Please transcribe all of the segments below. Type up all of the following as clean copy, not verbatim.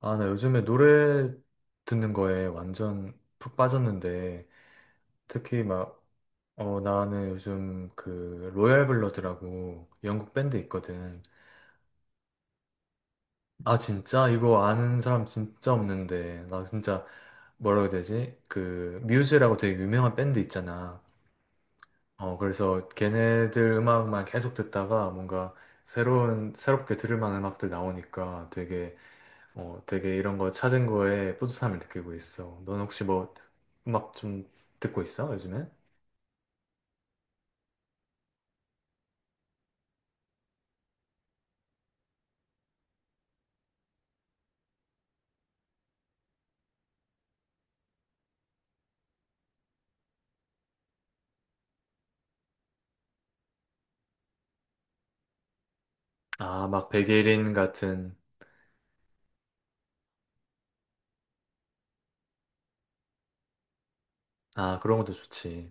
아, 나 요즘에 노래 듣는 거에 완전 푹 빠졌는데, 특히 막, 나는 요즘 그, 로얄 블러드라고 영국 밴드 있거든. 아, 진짜? 이거 아는 사람 진짜 없는데, 나 진짜, 뭐라고 해야 되지? 그, 뮤즈라고 되게 유명한 밴드 있잖아. 그래서 걔네들 음악만 계속 듣다가 뭔가 새로운, 새롭게 들을 만한 음악들 나오니까 되게 이런 거 찾은 거에 뿌듯함을 느끼고 있어. 너는 혹시 뭐 음악 좀 듣고 있어, 요즘에? 아, 막 백예린 같은, 아, 그런 것도 좋지.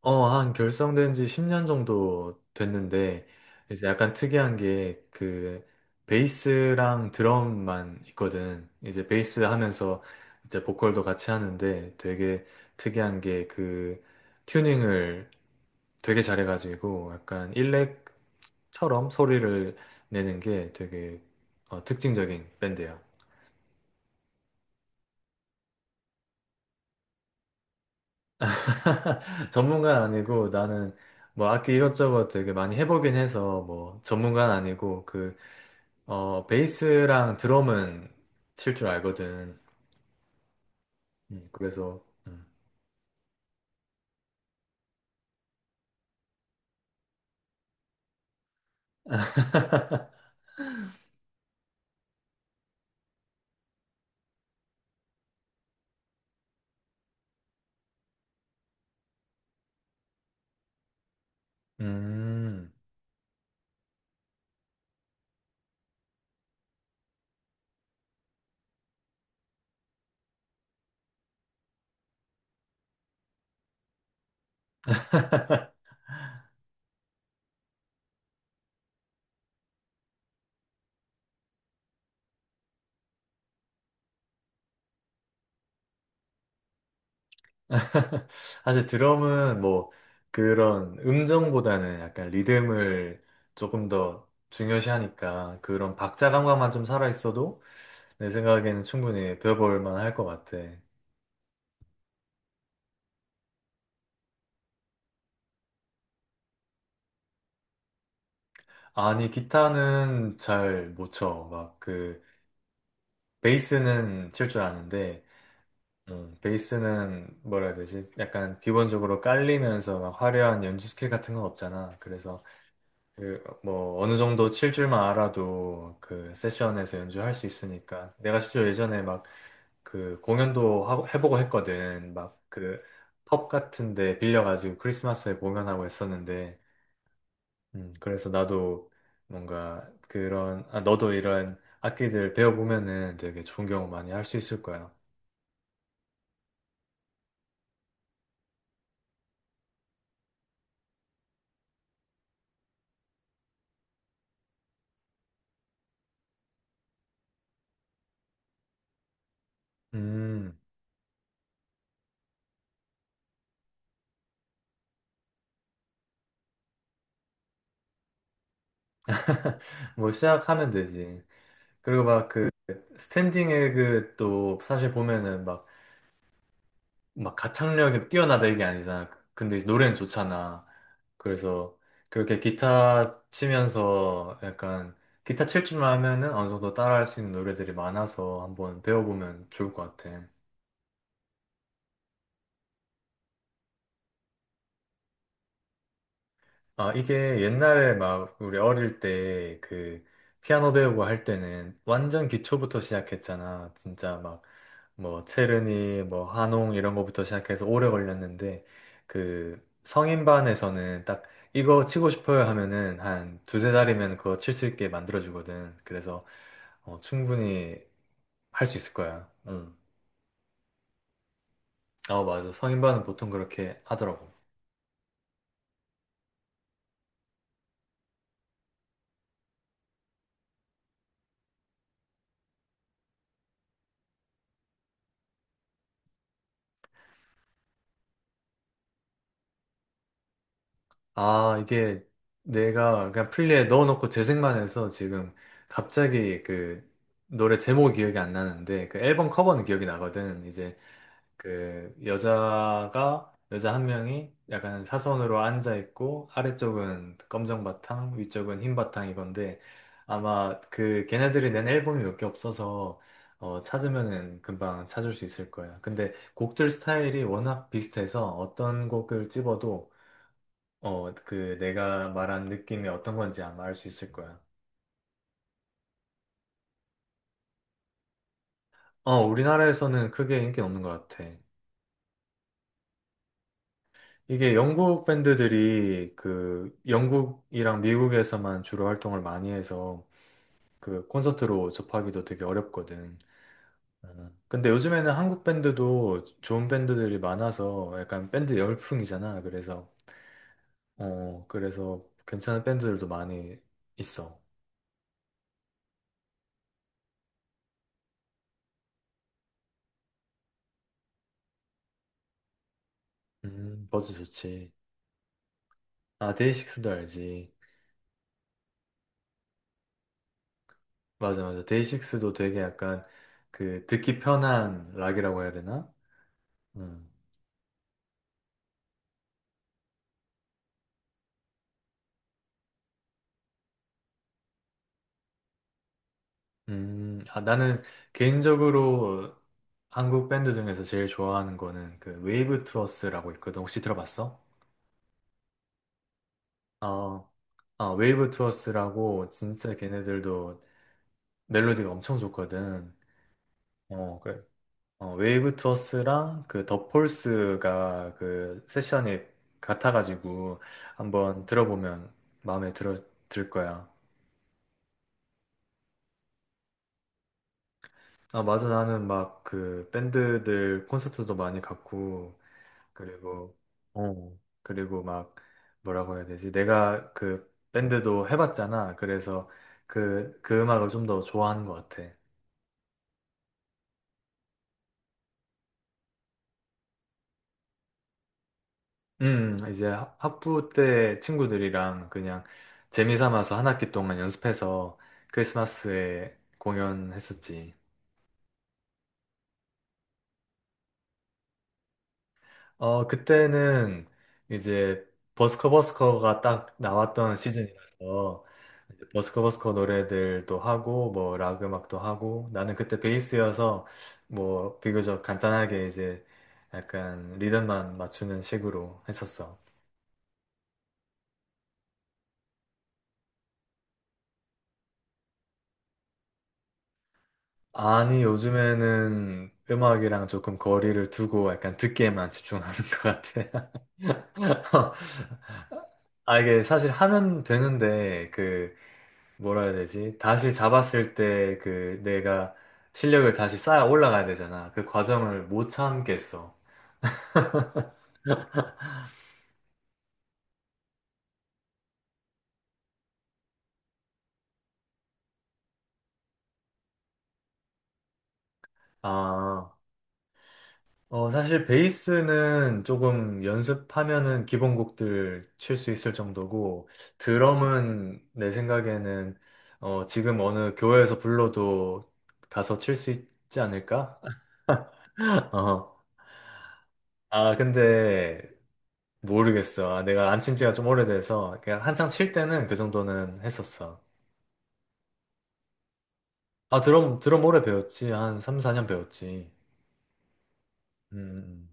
어, 한 결성된 지 10년 정도 됐는데, 이제 약간 특이한 게 그 베이스랑 드럼만 있거든. 이제 베이스 하면서 이제 보컬도 같이 하는데 되게 특이한 게 그 튜닝을 되게 잘해가지고 약간 일렉 처럼 소리를 내는 게 되게 특징적인 밴드예요. 전문가는 아니고 나는 뭐 악기 이것저것 되게 많이 해보긴 해서 뭐 전문가는 아니고 그 베이스랑 드럼은 칠 줄 알거든. 그래서 음. 사실 드럼은 뭐 그런 음정보다는 약간 리듬을 조금 더 중요시하니까 그런 박자 감각만 좀 살아있어도 내 생각에는 충분히 배워볼 만할 것 같아. 아니, 기타는 잘 못 쳐. 막 그, 베이스는 칠 줄 아는데, 베이스는 뭐라 해야 되지? 약간 기본적으로 깔리면서 막 화려한 연주 스킬 같은 건 없잖아. 그래서 그, 뭐, 어느 정도 칠 줄만 알아도 그 세션에서 연주할 수 있으니까. 내가 실제로 예전에 막 그 공연도 하고, 해보고 했거든. 막 그 펍 같은데 빌려가지고 크리스마스에 공연하고 했었는데, 그래서 나도 뭔가 그런, 아, 너도 이런 악기들 배워보면은 되게 좋은 경험 많이 할 수 있을 거야. 음, 뭐 시작하면 되지. 그리고 막 그 스탠딩 에그 또 사실 보면은 막 가창력이 뛰어나다 이게 아니잖아. 근데 이제 노래는 좋잖아. 그래서 그렇게 기타 치면서 약간 기타 칠 줄만 하면은 어느 정도 따라할 수 있는 노래들이 많아서 한번 배워보면 좋을 것 같아. 아, 이게 옛날에 막 우리 어릴 때 그 피아노 배우고 할 때는 완전 기초부터 시작했잖아. 진짜 막 뭐 체르니, 뭐 한홍 이런 거부터 시작해서 오래 걸렸는데 그 성인반에서는 딱 이거 치고 싶어요 하면은 한 두세 달이면 그거 칠 수 있게 만들어주거든. 그래서 충분히 할 수 있을 거야. 응. 아, 맞아. 성인반은 보통 그렇게 하더라고. 아, 이게 내가 그냥 플리에 넣어놓고 재생만 해서 지금 갑자기 그 노래 제목이 기억이 안 나는데 그 앨범 커버는 기억이 나거든. 이제 그 여자 한 명이 약간 사선으로 앉아 있고 아래쪽은 검정 바탕, 위쪽은 흰 바탕 이건데 아마 그 걔네들이 낸 앨범이 몇 개 없어서 찾으면은 금방 찾을 수 있을 거야. 근데 곡들 스타일이 워낙 비슷해서 어떤 곡을 집어도 그 내가 말한 느낌이 어떤 건지 아마 알 수 있을 거야. 어, 우리나라에서는 크게 인기는 없는 것 같아. 이게 영국 밴드들이 그 영국이랑 미국에서만 주로 활동을 많이 해서 그 콘서트로 접하기도 되게 어렵거든. 음. 근데 요즘에는 한국 밴드도 좋은 밴드들이 많아서 약간 밴드 열풍이잖아. 그래서 괜찮은 밴드들도 많이 있어. 버즈 좋지. 아, 데이식스도 알지. 맞아, 맞아. 데이식스도 되게 약간 그 듣기 편한 락이라고 해야 되나? 음. 아, 나는 개인적으로 한국 밴드 중에서 제일 좋아하는 거는 그 웨이브 투어스라고 있거든. 혹시 들어봤어? 어, 아, 웨이브 투어스라고 진짜 걔네들도 멜로디가 엄청 좋거든. 어, 그래. 어, 웨이브 투어스랑 그 더 폴스가 그 세션이 같아가지고 한번 들어보면 마음에 들 거야. 아, 맞아. 나는 막 그 밴드들 콘서트도 많이 갔고, 그리고, 그리고 막 뭐라고 해야 되지? 내가 그 밴드도 해봤잖아. 그래서 그 음악을 좀 더 좋아하는 것 같아. 이제 학부 때 친구들이랑 그냥 재미 삼아서 한 학기 동안 연습해서 크리스마스에 공연했었지. 어, 그때는 이제 버스커 버스커가 딱 나왔던 시즌이라서 이제 버스커 버스커 노래들도 하고 뭐 락 음악도 하고 나는 그때 베이스여서 뭐 비교적 간단하게 이제 약간 리듬만 맞추는 식으로 했었어. 아니, 요즘에는 음악이랑 조금 거리를 두고 약간 듣기에만 집중하는 것 같아. 아, 이게 사실 하면 되는데, 그, 뭐라 해야 되지? 다시 잡았을 때 그 내가 실력을 다시 쌓아 올라가야 되잖아. 그 과정을 못 참겠어. 아, 사실 베이스는 조금 연습하면은 기본곡들 칠 수 있을 정도고, 드럼은 내 생각에는 지금 어느 교회에서 불러도 가서 칠 수 있지 않을까? 어. 아, 근데 모르겠어. 아, 내가 안 친 지가 좀 오래돼서 그냥 한창 칠 때는 그 정도는 했었어. 아, 드럼 오래 배웠지. 한 3, 4년 배웠지. 음, 음, 음.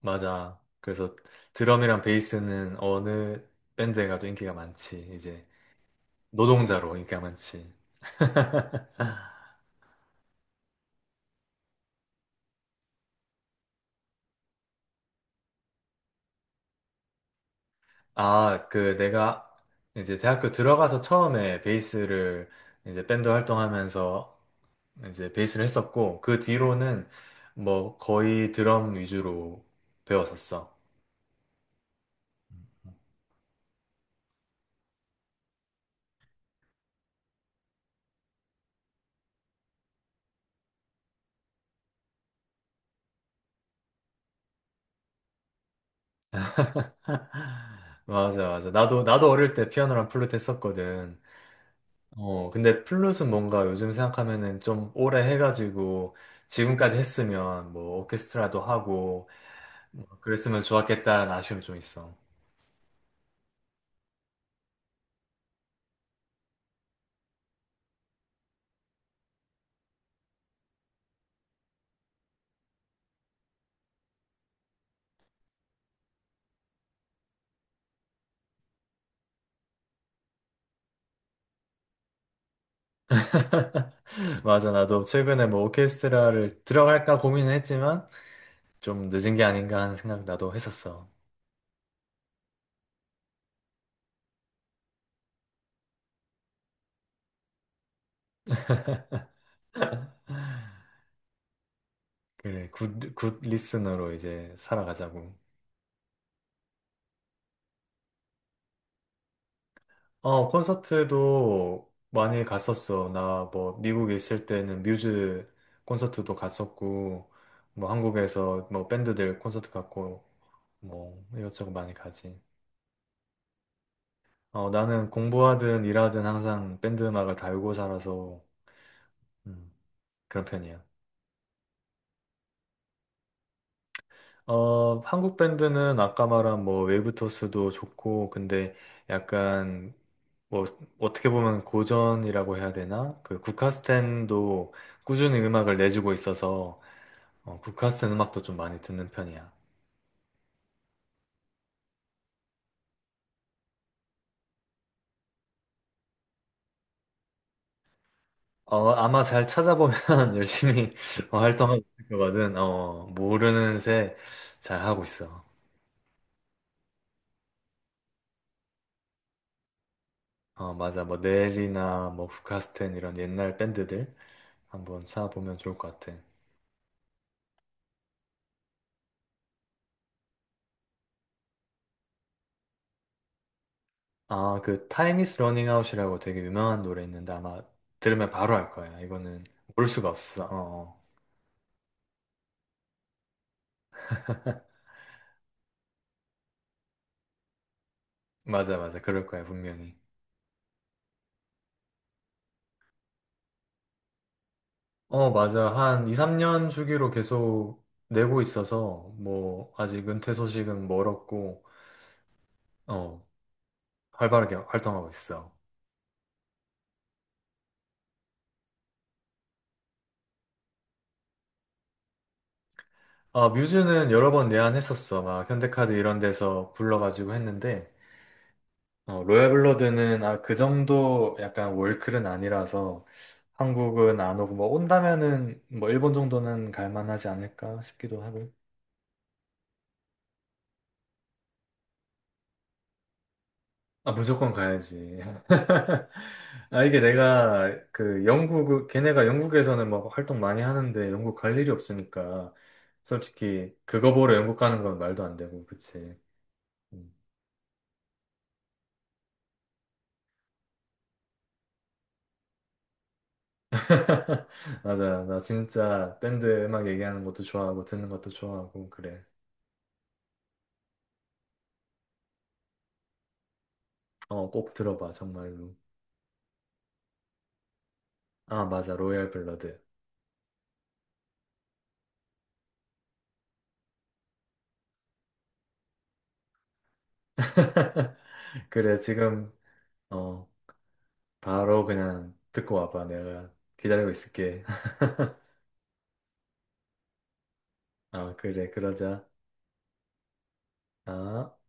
맞아. 그래서 드럼이랑 베이스는 어느 밴드에 가도 인기가 많지. 이제 노동자로 인기가 많지. 아, 그 내가 이제 대학교 들어가서 처음에 베이스를 이제 밴드 활동하면서 이제 베이스를 했었고, 그 뒤로는 뭐 거의 드럼 위주로 배웠었어. 맞아, 맞아. 나도 어릴 때 피아노랑 플루트 했었거든. 어, 근데 플룻은 뭔가 요즘 생각하면은 좀 오래 해가지고 지금까지 했으면 뭐 오케스트라도 하고 뭐 그랬으면 좋았겠다는 아쉬움 좀 있어. 맞아, 나도 최근에 뭐 오케스트라를 들어갈까 고민은 했지만 좀 늦은 게 아닌가 하는 생각 나도 했었어. 그래, 굿 리스너로 이제 살아가자고. 어, 콘서트도 많이 갔었어. 나 뭐 미국에 있을 때는 뮤즈 콘서트도 갔었고, 뭐 한국에서 뭐 밴드들 콘서트 갔고, 뭐 이것저것 많이 가지. 어, 나는 공부하든 일하든 항상 밴드 음악을 달고 살아서 음, 그런 편이야. 어, 한국 밴드는 아까 말한 뭐 웨이브토스도 좋고, 근데 약간 뭐 어떻게 보면 고전이라고 해야 되나? 그 국카스텐도 꾸준히 음악을 내주고 있어서 국카스텐 음악도 좀 많이 듣는 편이야. 어, 아마 잘 찾아보면 열심히 활동하고 있을 거거든. 어, 모르는 새 잘 하고 있어. 어, 맞아. 뭐 넬이나 뭐 국카스텐 이런 옛날 밴드들 한번 찾아보면 좋을 것 같아. 아, 그 Time is running out이라고 되게 유명한 노래 있는데 아마 들으면 바로 알 거야. 이거는 모를 수가 없어. 어, 어. 맞아, 맞아. 그럴 거야, 분명히. 어, 맞아. 한 2, 3년 주기로 계속 내고 있어서 뭐 아직 은퇴 소식은 멀었고 어, 활발하게 활동하고 있어. 아, 뮤즈는 여러 번 내한했었어. 막 현대카드 이런 데서 불러가지고 했는데 로얄블러드는 아, 그 정도 약간 월클은 아니라서 한국은 안 오고 뭐 온다면은 뭐 일본 정도는 갈만하지 않을까 싶기도 하고. 아, 무조건 가야지. 아, 이게 내가 걔네가 영국에서는 막 활동 많이 하는데 영국 갈 일이 없으니까 솔직히 그거 보러 영국 가는 건 말도 안 되고, 그치. 음. 맞아. 나 진짜 밴드 음악 얘기하는 것도 좋아하고 듣는 것도 좋아하고, 그래. 어, 꼭 들어봐, 정말로. 아, 맞아. 로얄 블러드. 그래, 지금, 어, 바로 그냥 듣고 와봐. 내가 기다리고 있을게. 아, 그래, 그러자. 아.